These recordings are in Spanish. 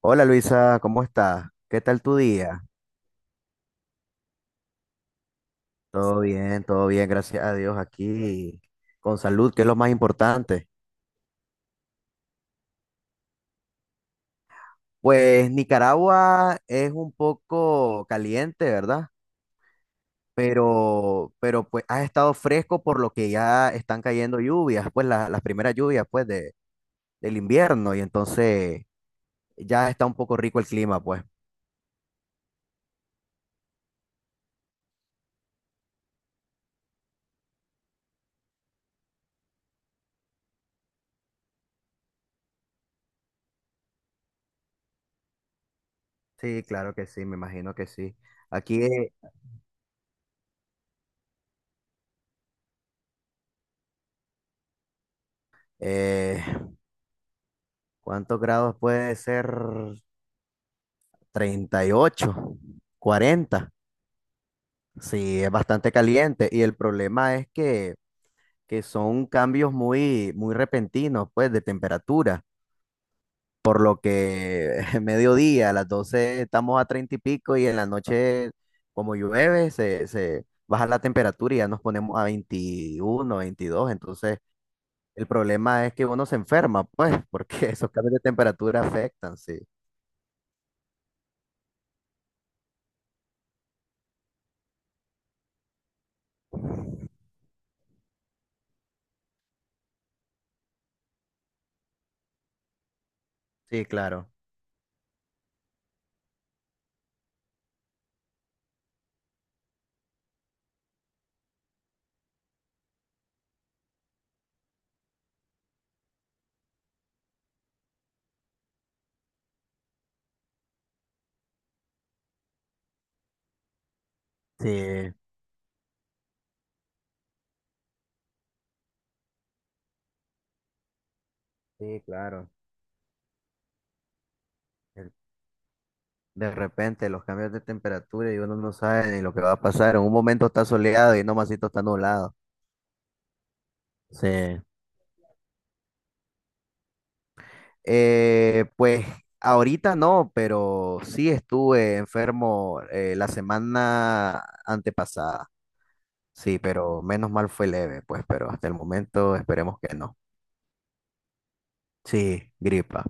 Hola Luisa, ¿cómo estás? ¿Qué tal tu día? Todo bien, gracias a Dios aquí, con salud, que es lo más importante. Pues Nicaragua es un poco caliente, ¿verdad? Pero pues ha estado fresco por lo que ya están cayendo lluvias, pues las primeras lluvias pues de, del invierno y entonces ya está un poco rico el clima, pues. Sí, claro que sí, me imagino que sí. Aquí, eh, ¿cuántos grados puede ser? 38, 40. Sí, es bastante caliente. Y el problema es que son cambios muy, muy repentinos, pues, de temperatura. Por lo que mediodía, a las 12 estamos a 30 y pico y en la noche, como llueve, se baja la temperatura y ya nos ponemos a 21, 22. Entonces, el problema es que uno se enferma, pues, porque esos cambios de temperatura afectan, sí. Sí, claro. Sí, sí, claro. De repente los cambios de temperatura y uno no sabe ni lo que va a pasar. En un momento está soleado y no masito está nublado. Sí. Pues ahorita no, pero sí estuve enfermo la semana antepasada. Sí, pero menos mal fue leve, pues, pero hasta el momento esperemos que no. Sí, gripa.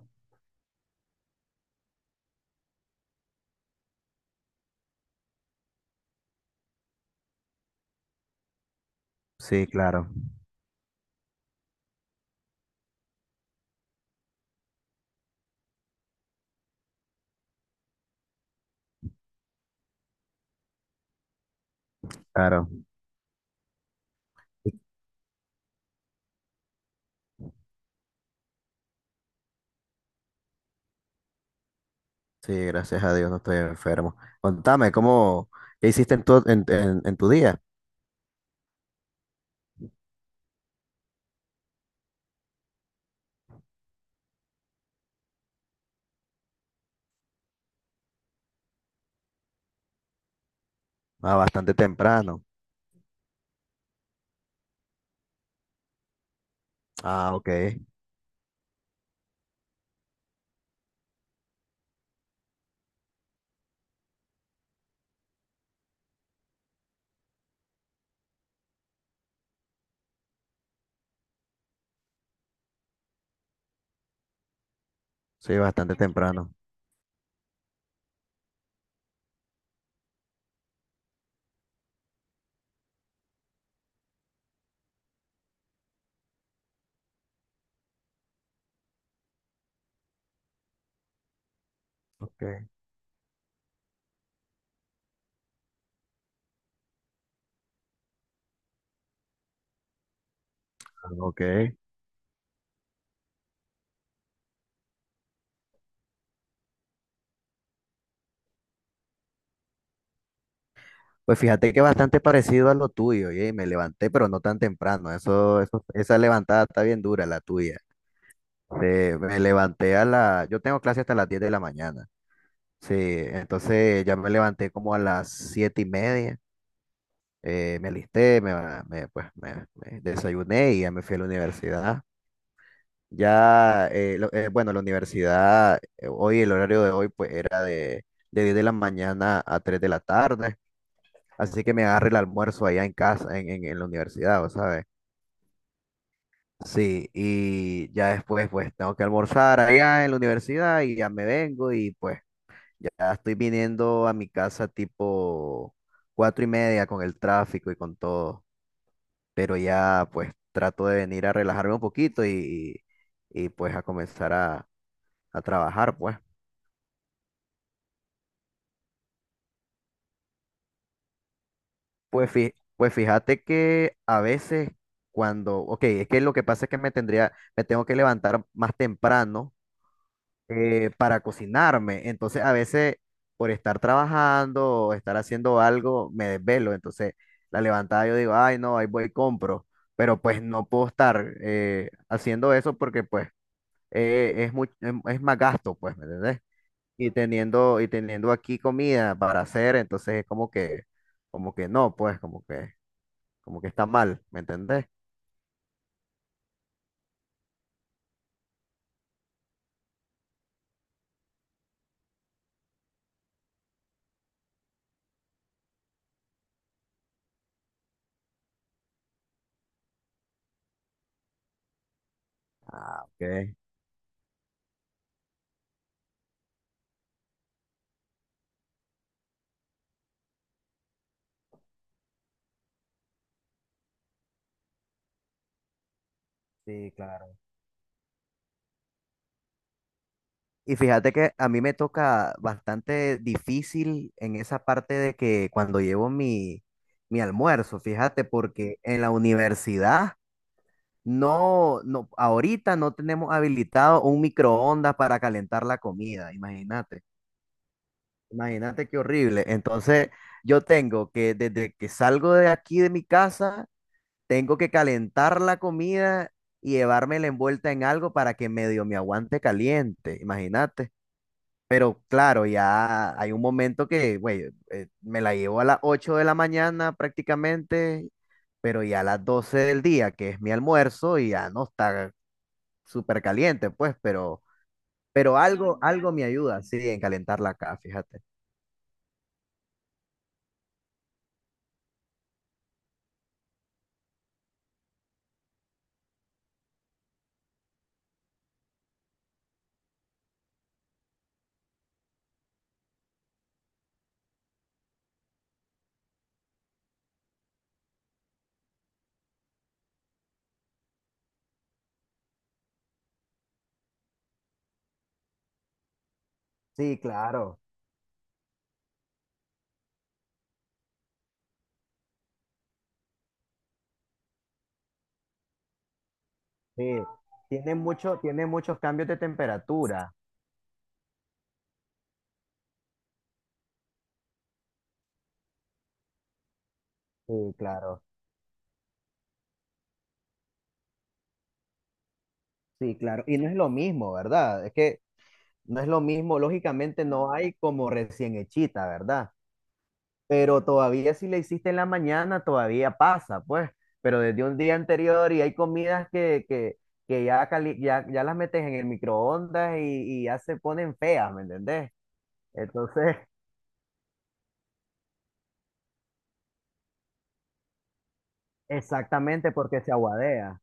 Sí, claro, claro. Sí, gracias a Dios no estoy enfermo. Contame, ¿cómo, qué hiciste en tu día? Ah, bastante temprano. Ah, ok. Sí, bastante temprano. Ok. Ah, ok. Pues fíjate que bastante parecido a lo tuyo, y me levanté, pero no tan temprano. Eso, esa levantada está bien dura, la tuya. Me levanté, yo tengo clase hasta las 10 de la mañana. Sí, entonces ya me levanté como a las 7:30. Me alisté, me, ba- me, pues, me desayuné y ya me fui a la universidad. Ya, bueno, la universidad, hoy, el horario de hoy, pues era de 10 de la mañana a 3 de la tarde, así que me agarré el almuerzo allá en casa, en la universidad, ¿vos sabes? Sí, y ya después, pues tengo que almorzar allá en la universidad y ya me vengo y pues ya estoy viniendo a mi casa tipo 4:30 con el tráfico y con todo, pero ya pues trato de venir a relajarme un poquito y, pues a comenzar a trabajar, pues. Pues, fí pues fíjate que a veces cuando, ok, es que lo que pasa es que me tengo que levantar más temprano para cocinarme. Entonces a veces por estar trabajando o estar haciendo algo me desvelo. Entonces la levantada yo digo, ay no, ahí voy y compro. Pero pues no puedo estar haciendo eso porque pues es más gasto, pues, ¿me entendés? Y teniendo aquí comida para hacer, entonces es como que no, pues como que está mal, ¿me entendés? Ah, ok. Sí, claro. Y fíjate que a mí me toca bastante difícil en esa parte de que cuando llevo mi almuerzo, fíjate, porque en la universidad no, no, ahorita no tenemos habilitado un microondas para calentar la comida, imagínate, imagínate qué horrible. Entonces yo tengo que desde que salgo de aquí de mi casa tengo que calentar la comida y llevármela envuelta en algo para que medio me aguante caliente, imagínate. Pero claro, ya hay un momento que, güey, me la llevo a las 8 de la mañana prácticamente, pero ya a las 12 del día, que es mi almuerzo, y ya no está súper caliente, pues, pero algo, algo me ayuda, sí, en calentarla acá, fíjate. Sí, claro, sí. Tiene muchos cambios de temperatura. Sí, claro. Sí, claro. Y no es lo mismo, ¿verdad? Es que no es lo mismo, lógicamente no hay como recién hechita, ¿verdad? Pero todavía si la hiciste en la mañana, todavía pasa, pues. Pero desde un día anterior y hay comidas que ya las metes en el microondas y ya se ponen feas, ¿me entendés? Entonces, exactamente porque se aguadea.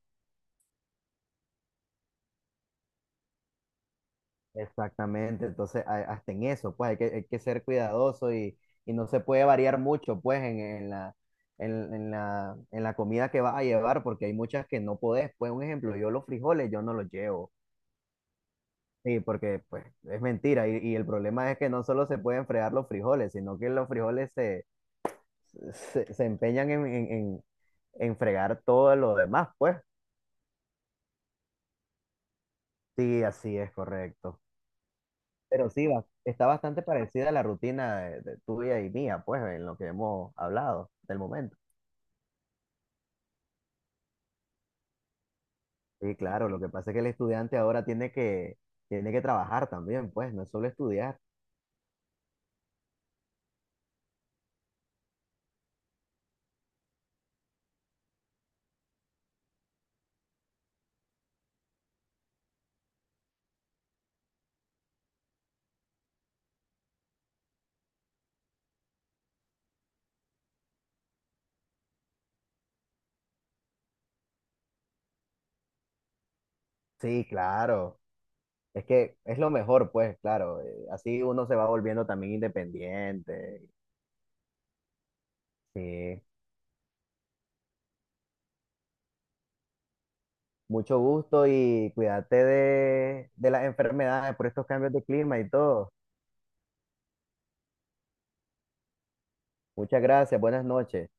Exactamente, entonces hasta en eso, pues hay que ser cuidadoso y no se puede variar mucho, pues en la comida que vas a llevar, porque hay muchas que no podés. Pues un ejemplo, yo los frijoles yo no los llevo, sí, porque pues es mentira y el problema es que no solo se pueden fregar los frijoles, sino que los frijoles se empeñan en fregar todo lo demás, pues. Sí, así es correcto. Pero sí, está bastante parecida a la rutina de tuya y mía, pues, en lo que hemos hablado del momento. Sí, claro, lo que pasa es que el estudiante ahora tiene que trabajar también, pues, no es solo estudiar. Sí, claro. Es que es lo mejor, pues, claro. Así uno se va volviendo también independiente. Sí. Mucho gusto y cuídate de las enfermedades por estos cambios de clima y todo. Muchas gracias, buenas noches.